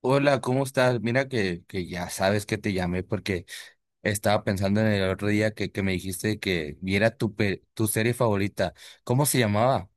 Hola, ¿cómo estás? Mira que ya sabes que te llamé porque estaba pensando en el otro día que me dijiste que viera tu serie favorita. ¿Cómo se llamaba?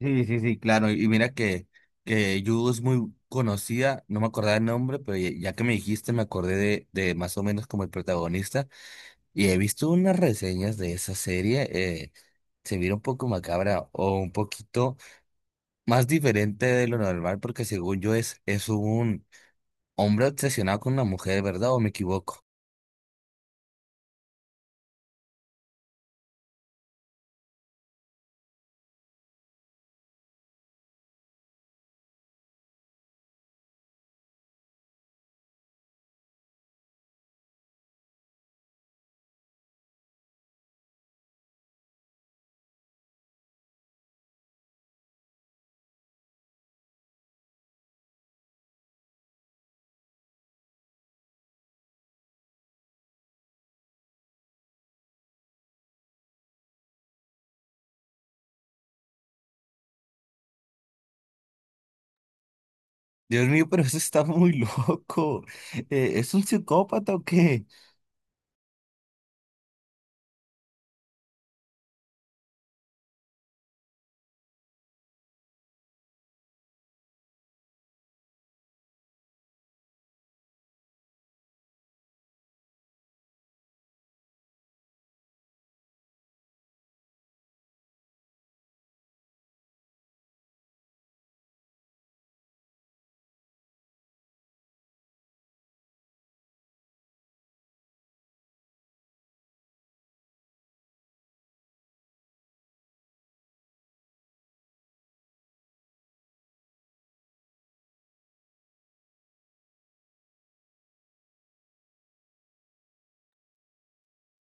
Sí, sí, sí, claro. Y mira que Yu es muy conocida, no me acordaba el nombre, pero ya que me dijiste me acordé de más o menos como el protagonista. Y he visto unas reseñas de esa serie. Se mira un poco macabra o un poquito más diferente de lo normal porque según yo es un... Hombre obsesionado con una mujer, ¿verdad? ¿O me equivoco? Dios mío, pero eso está muy loco. ¿Es un psicópata o qué?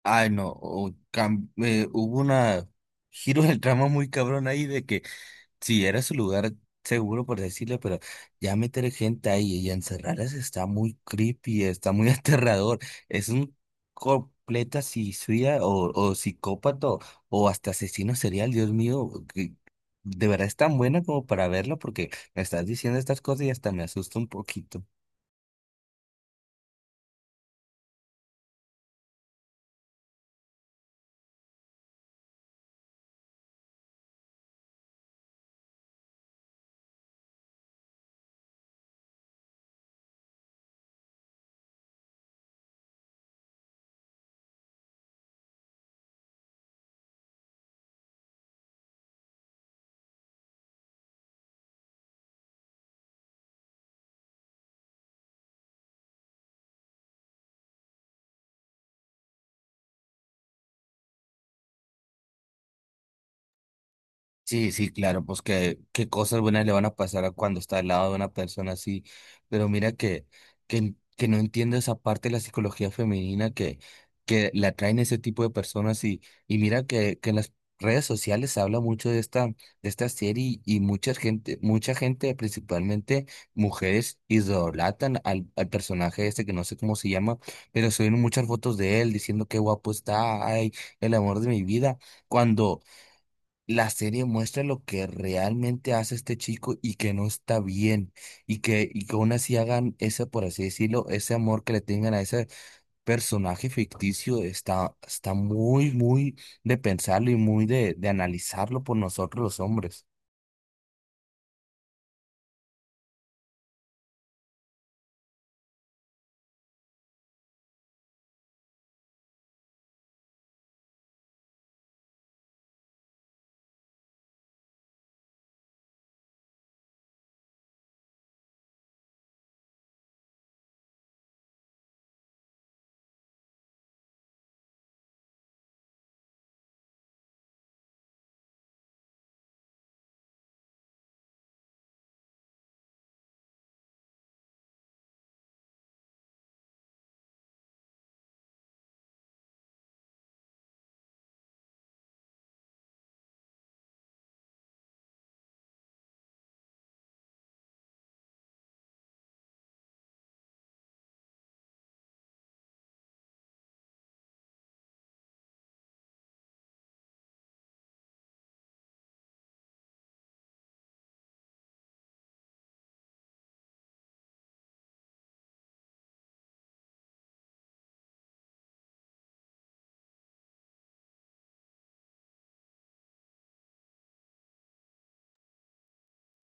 Ay, no. Hubo una giro del trama muy cabrón ahí de que sí, era su lugar seguro, por decirlo, pero ya meter gente ahí y encerrarlas está muy creepy, está muy aterrador. Es un completa suicida o psicópata o hasta asesino serial, Dios mío. Que De verdad es tan buena como para verlo porque me estás diciendo estas cosas y hasta me asusta un poquito. Sí, sí, claro, pues que qué cosas buenas le van a pasar a cuando está al lado de una persona así, pero mira que no entiendo esa parte de la psicología femenina que la atraen ese tipo de personas y mira que en las redes sociales se habla mucho de esta serie y mucha gente, principalmente mujeres, idolatan al personaje este que no sé cómo se llama, pero suben muchas fotos de él diciendo qué guapo está, ay, el amor de mi vida, cuando la serie muestra lo que realmente hace este chico y que no está bien y que aún así hagan ese, por así decirlo, ese amor que le tengan a ese personaje ficticio está muy, muy de pensarlo y muy de analizarlo por nosotros los hombres.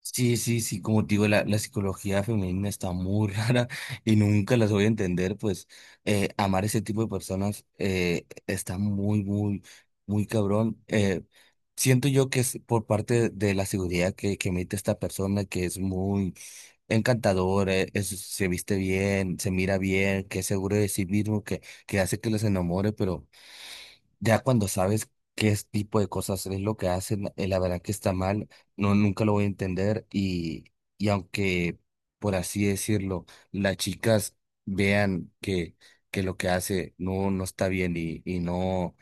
Sí, sí, sí, como te digo, la psicología femenina está muy rara y nunca las voy a entender, pues amar ese tipo de personas está muy, muy, muy cabrón. Siento yo que es por parte de la seguridad que emite esta persona, que es muy encantador, se viste bien, se mira bien, que es seguro de sí mismo, que hace que los enamore, pero... Ya cuando sabes tipo de cosas es lo que hacen, la verdad que está mal, no, nunca lo voy a entender y aunque, por así decirlo, las chicas vean que lo que hace no, no está bien y no,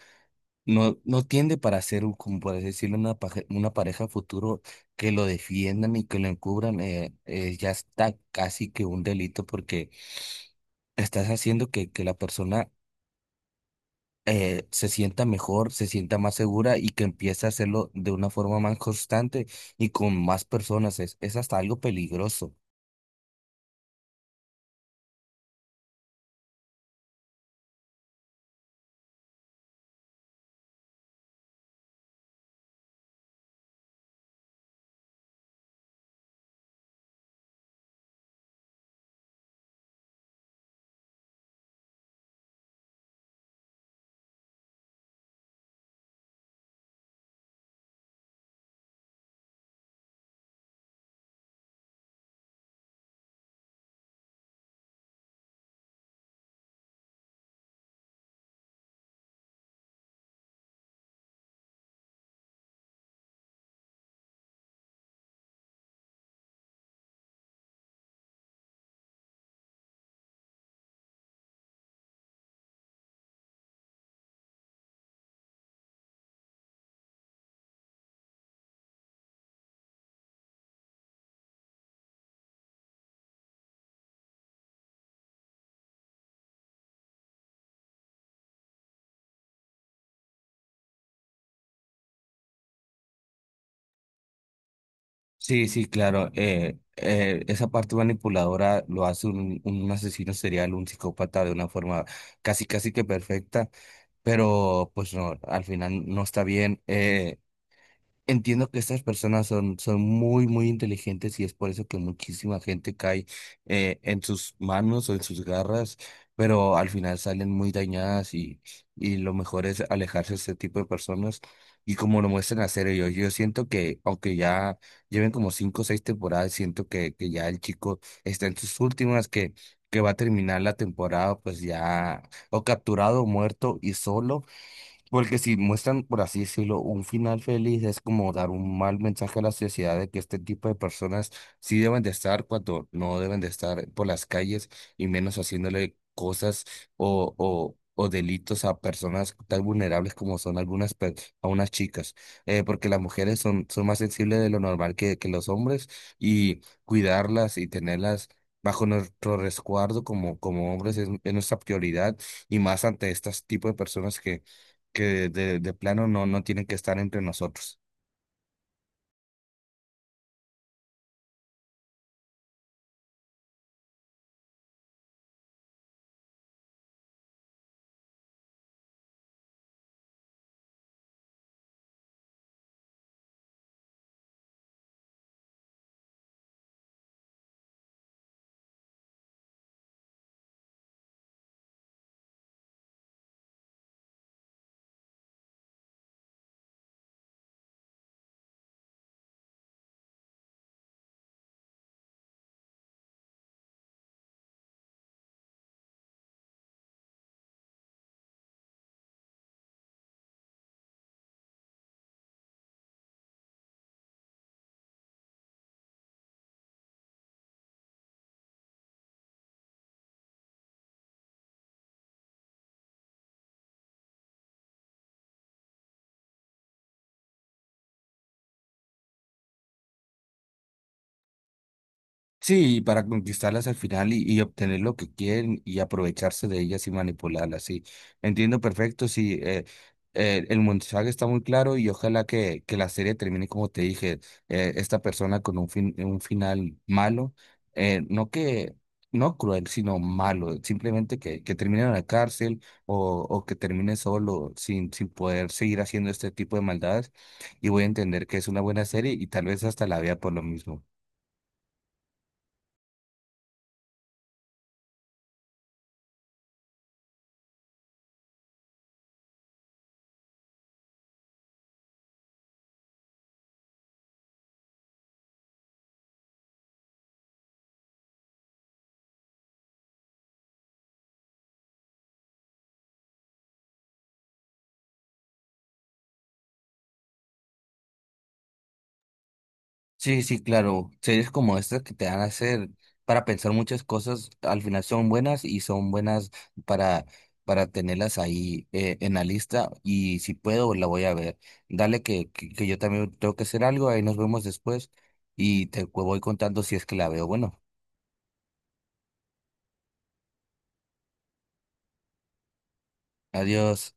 no, no tiende para ser, como por así decirlo, una pareja futuro que lo defiendan y que lo encubran, ya está casi que un delito porque estás haciendo que la persona se sienta mejor, se sienta más segura y que empiece a hacerlo de una forma más constante y con más personas. Es hasta algo peligroso. Sí, sí, claro. Esa parte manipuladora lo hace un asesino serial, un psicópata de una forma casi que perfecta, pero pues no, al final no está bien. Entiendo que estas personas son muy, muy inteligentes y es por eso que muchísima gente cae en sus manos o en sus garras, pero al final salen muy dañadas y lo mejor es alejarse de este tipo de personas y como lo muestran hacer ellos. Yo siento que, aunque ya lleven como cinco o seis temporadas, siento que ya el chico está en sus últimas, que va a terminar la temporada pues ya o capturado o muerto y solo. Porque si muestran, por así decirlo, un final feliz, es como dar un mal mensaje a la sociedad de que este tipo de personas sí deben de estar cuando no deben de estar por las calles y menos haciéndole cosas o delitos a personas tan vulnerables como son a unas chicas. Porque las mujeres son más sensibles de lo normal que los hombres y cuidarlas y tenerlas bajo nuestro resguardo como hombres es nuestra prioridad y más ante este tipo de personas que de plano no tienen que estar entre nosotros. Sí, para conquistarlas al final y obtener lo que quieren y aprovecharse de ellas y manipularlas, sí. Entiendo perfecto, sí. El mensaje está muy claro y ojalá que la serie termine como te dije, esta persona con un fin, un final malo, no que, no cruel, sino malo, simplemente que termine en la cárcel o que termine solo sin, sin poder seguir haciendo este tipo de maldades y voy a entender que es una buena serie y tal vez hasta la vea por lo mismo. Sí, sí, claro. Series como estas que te van a hacer para pensar muchas cosas, al final son buenas y son buenas para, para tenerlas ahí en la lista. Y si puedo, la voy a ver. Dale que yo también tengo que hacer algo, ahí nos vemos después y te voy contando si es que la veo. Bueno, adiós.